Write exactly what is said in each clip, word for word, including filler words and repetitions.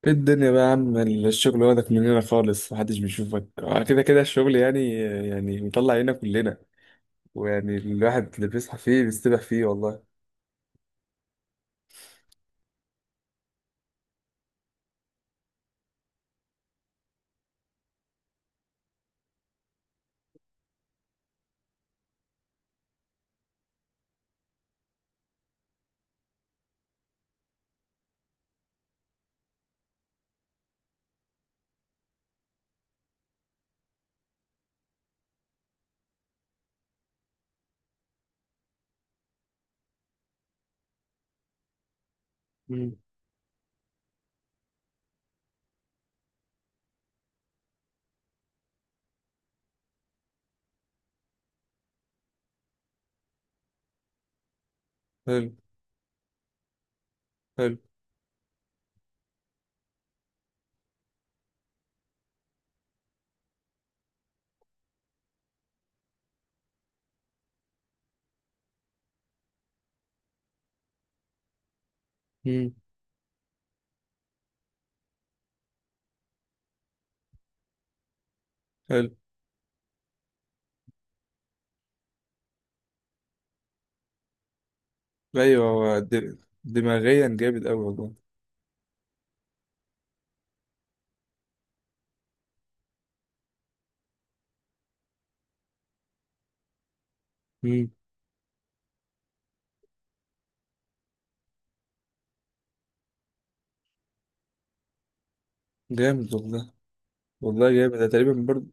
ايه الدنيا بقى يا عم. الشغل واخدك مننا خالص، محدش بيشوفك. آه، كده كده الشغل يعني يعني بيطلع عينا كلنا، ويعني الواحد اللي بيصحى فيه بيستبح فيه والله. مم. حلو. حلو. مم، حلو. ايوه هو د- دماغيا جامد قوي والله. مم، جامد والله. والله جامد ده تقريبا برضه.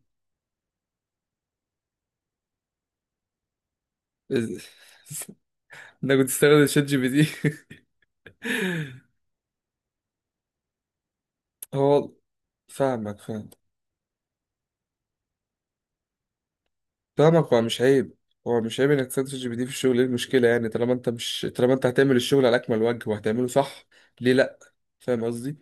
انا كنت استخدم شات جي بي تي. هو فاهمك، فاهم. فاهمك، هو مش عيب. هو مش عيب انك تستخدم شات جي بي تي في الشغل. ايه المشكلة يعني؟ طالما انت مش طالما انت هتعمل الشغل على اكمل وجه وهتعمله صح. ليه لا؟ فاهم قصدي.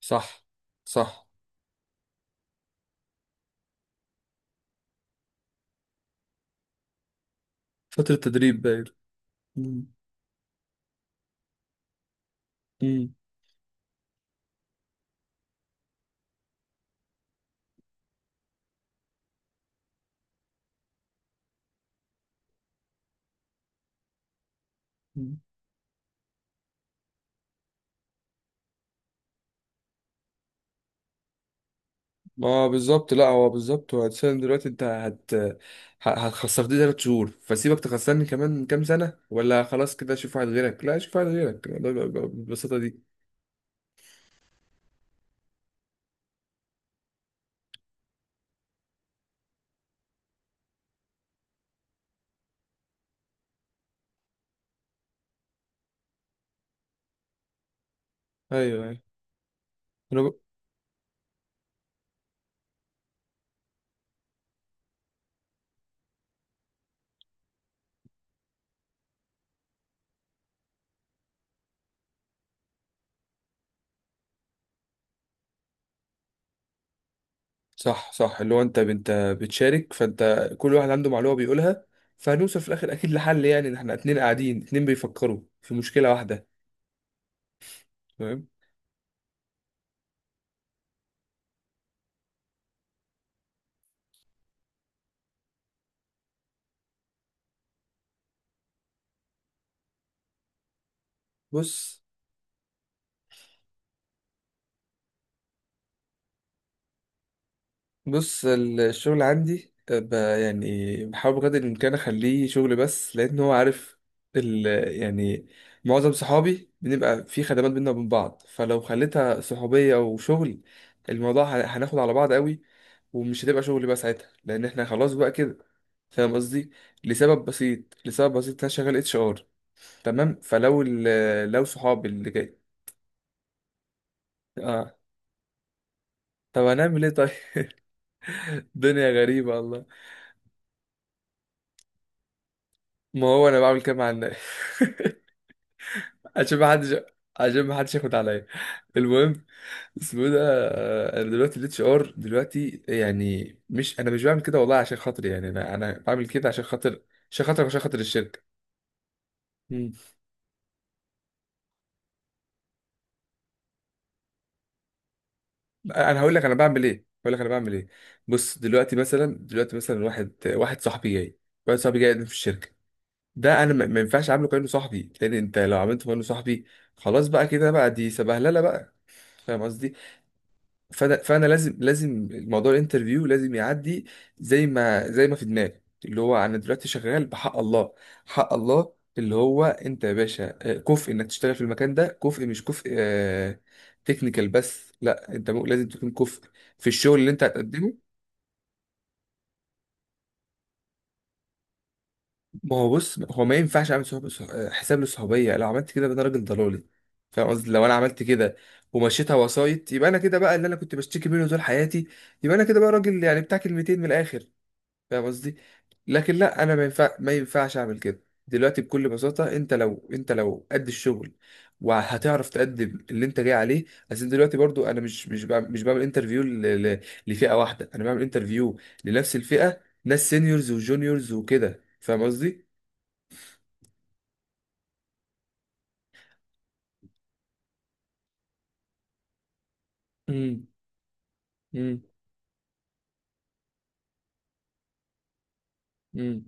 صح، صح. فترة تدريب باين. مم. مم. مم. اه بالظبط. لا، هو بالظبط، هو الإنسان دلوقتي. انت هت ه- هتخسرني ثلاث شهور، فسيبك تخسرني كمان كام سنة؟ ولا خلاص كده اشوف واحد غيرك. لا، اشوف واحد غيرك. الموضوع بيبقى بالبساطة دي. ايوه. ايوه. صح، صح. اللي هو انت انت بتشارك، فانت كل واحد عنده معلومه بيقولها. فهنوصل في الاخر اكيد لحل، يعني ان احنا اتنين قاعدين اتنين بيفكروا في مشكله واحده. تمام. بص، بص ال- الشغل عندي. أه، ب- يعني بحاول بقدر الامكان اخليه شغل بس، لان هو عارف ال يعني معظم صحابي بنبقى في خدمات بينا وبين بعض. فلو خليتها صحوبيه وشغل، الموضوع هن- هناخد على بعض قوي، ومش هتبقى شغل بقى ساعتها، لان احنا خلاص بقى كده. فاهم قصدي. لسبب بسيط لسبب بسيط، انا شغال اتش ار. تمام. فلو ال- لو صحابي اللي جاي. اه، طب هنعمل ايه طيب؟ دنيا غريبة والله. ما هو انا بعمل كده مع الناس. عشان ما حدش عشان ما حدش ياخد عليا. المهم، اسمه إيه ده. آه، انا دلوقتي الاتش ار دلوقتي، يعني مش. انا مش بعمل كده والله عشان خاطري، يعني انا انا بعمل كده عشان خاطر عشان خاطر عشان خاطر الشركة. انا هقول لك انا بعمل ايه، هقول لك انا بعمل ايه. بص، دلوقتي مثلا، دلوقتي مثلا واحد واحد صاحبي جاي. واحد صاحبي جاي يقدم في الشركه. ده انا ما ما ينفعش اعامله كانه صاحبي، لان انت لو عملته كانه صاحبي، خلاص بقى كده بقى، دي سبهلله بقى. فاهم قصدي. فانا فانا لازم لازم الموضوع الانترفيو لازم يعدي، زي ما زي ما في دماغي، اللي هو انا دلوقتي شغال بحق الله. حق الله، اللي هو انت يا باشا، آه، كفء انك تشتغل في المكان ده. كفء مش كفء تكنيكال بس، لا انت مو- لازم تكون كفء في الشغل اللي انت هتقدمه. ما هو بص، هو ما ينفعش اعمل صحب... صح- آه، حساب للصحوبيه. لو عملت كده يبقى انا راجل ضلالي. فاهم قصدي، لو انا عملت كده ومشيتها وسايط، يبقى انا كده بقى اللي انا كنت بشتكي منه طول حياتي. يبقى انا كده بقى راجل يعني بتاع كلمتين من الاخر. فاهم قصدي. لكن لا، انا ما ينفع ما ينفعش اعمل كده دلوقتي بكل بساطه. انت لو انت لو قد الشغل وهتعرف تقدم اللي انت جاي عليه. عشان دلوقتي برضو انا مش مش بعمل مش بعمل انترفيو ل- ل- لفئه واحده. انا بعمل انترفيو لنفس الفئه، ناس سينيورز وجونيورز وكده. فاهم قصدي. امم امم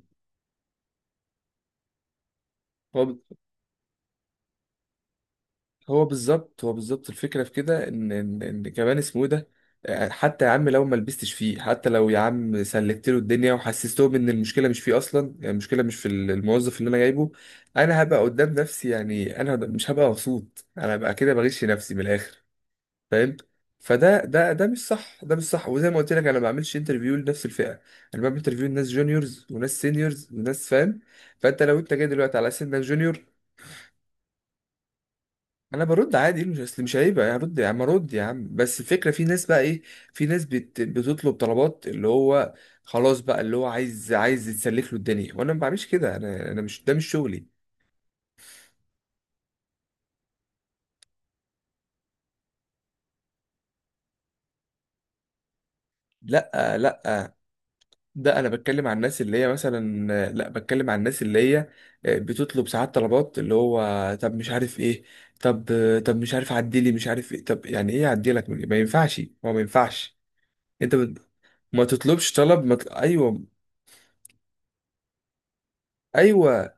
هو بالظبط هو بالظبط الفكرة في كده. إن، إن إن كمان اسمه إيه ده، آه، حتى يا عم لو ما لبستش فيه، حتى لو يا عم سلكت له الدنيا وحسستهم إن المشكلة مش فيه أصلا، يعني المشكلة مش في ال- الموظف اللي أنا جايبه. أنا هبقى قدام نفسي يعني، أنا هبقى- مش هبقى مبسوط. أنا هبقى كده بغش نفسي من الآخر. فاهم. فده ده ده مش صح. ده مش صح، وزي ما قلت لك، أنا ما بعملش انترفيو لنفس الفئة. أنا بعمل انترفيو لناس جونيورز وناس سينيورز وناس. فاهم. فأنت لو أنت جاي دلوقتي على سنك جونيور. انا برد عادي، مش اصل مش عيب يعني. برد يا عم، ارد يا عم، بس الفكره في ناس بقى ايه. في ناس بت... بتطلب طلبات، اللي هو خلاص بقى، اللي هو عايز عايز يتسلف له الدنيا، وانا ما بعملش كده. انا انا مش، ده مش شغلي. لا، لا. ده انا بتكلم عن الناس اللي هي مثلا. لا، بتكلم عن الناس اللي هي، آه، بتطلب ساعات طلبات اللي هو طب مش عارف ايه. طب، طب مش عارف عدلي، مش عارف ايه. طب يعني ايه اعدلك؟ ما ينفعش، هو ما ينفعش. انت بت- ما تطلبش طلب، ما ت... ايوه. ايوه.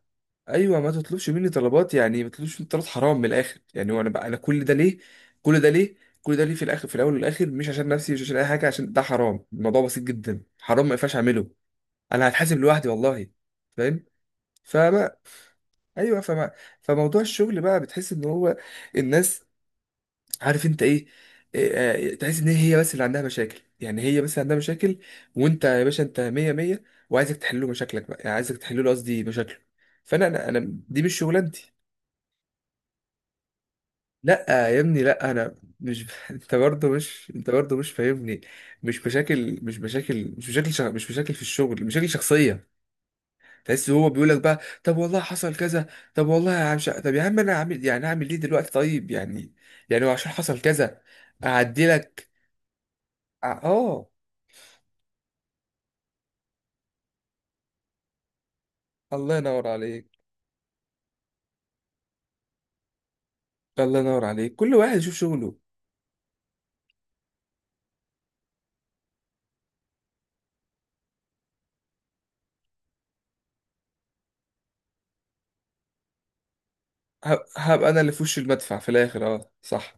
ايوه، ما تطلبش مني طلبات، يعني ما تطلبش مني طلبات. حرام من الاخر يعني. وانا بقى انا، كل ده ليه، كل ده ليه كل ده ليه في الاخر؟ في الاول والاخر، مش عشان نفسي، مش عشان اي حاجه، عشان ده حرام. الموضوع بسيط جدا، حرام ما ينفعش اعمله. انا هتحاسب لوحدي والله. فاهم. فما. ايوه، فما. فموضوع الشغل بقى، بتحس ان هو الناس، عارف انت ايه، إيه، آه، تحس ان هي بس اللي عندها مشاكل يعني. هي بس اللي عندها مشاكل، وانت يا باشا انت مية مية، وعايزك تحل له مشاكلك بقى، يعني عايزك تحل له، قصدي، مشاكله. فانا انا أنا- دي مش شغلانتي. لا يا ابني لا، انا مش انت برضه مش انت برضه مش فاهمني. مش بشكل مش بشكل مش بشكل شغ... مش بشكل في الشغل مشاكل شخصيه. تحس هو بيقول لك بقى، طب والله حصل كذا. طب والله يا عم ش... طب يا عم، انا عامل يعني، اعمل ايه دلوقتي طيب يعني. يعني هو عشان حصل كذا، اعدي لك. ع- اه. الله ينور عليك. الله ينور عليك، كل واحد يشوف شغله. ه... هبقى انا اللي في وش المدفع في الاخر، اه صح.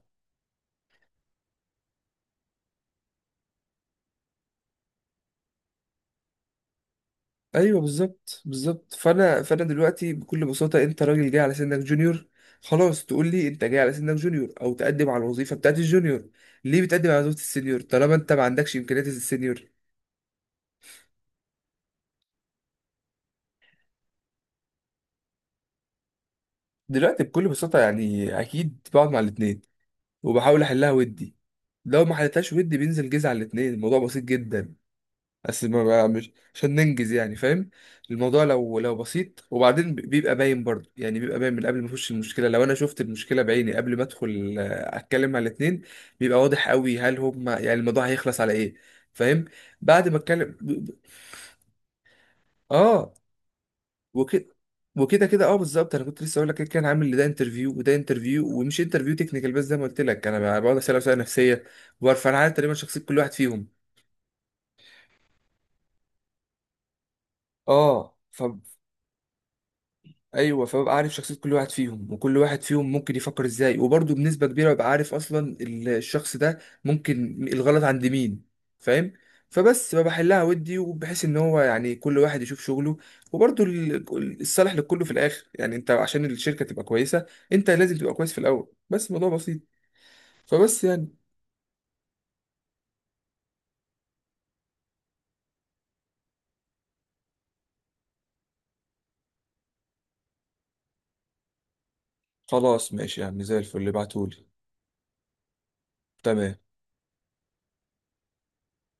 ايوه بالظبط، بالظبط. فانا فانا دلوقتي بكل بساطه، انت راجل جاي على سنك جونيور، خلاص تقول لي انت جاي على سنك جونيور، او تقدم على الوظيفه بتاعت الجونيور. ليه بتقدم على وظيفه السينيور طالما انت ما عندكش امكانيات السينيور؟ دلوقتي بكل بساطه، يعني اكيد بقعد مع الاثنين وبحاول احلها ودي. لو ما حلتهاش ودي، بينزل جيز على الاثنين. الموضوع بسيط جدا. بس ما بقى مش عشان ننجز يعني، فاهم. الموضوع لو لو بسيط. وبعدين بي- بيبقى باين برضه يعني. بيبقى باين من قبل ما اخش المشكله. لو انا شفت المشكله بعيني قبل ما ادخل، آه، اتكلم مع الاتنين، بيبقى واضح قوي هل هم، يعني الموضوع هيخلص على ايه. فاهم. بعد ما اتكلم ب- ب- اه وكده. وكده كده اه بالظبط. انا كنت لسه اقول لك كده، كان عامل ده انترفيو وده انترفيو، ومش انترفيو تكنيكال بس. زي ما قلت لك انا بقعد اسال اسئله نفسيه وبعرف انا عارف تقريبا شخصيه كل واحد فيهم. اه، ف... ايوه، فببقى عارف شخصيه كل واحد فيهم، وكل واحد فيهم ممكن يفكر ازاي. وبرضه بنسبه كبيره ببقى عارف اصلا ال- الشخص ده ممكن الغلط عند مين. فاهم. فبس بحلها ودي، وبحيث ان هو يعني كل واحد يشوف شغله. وبرضه ال- الصالح لكله في الاخر، يعني انت عشان الشركه تبقى كويسه، انت لازم تبقى كويس في الاول. بس الموضوع بسيط. فبس يعني خلاص، ماشي يا عم، زي الفل اللي بعتولي. تمام.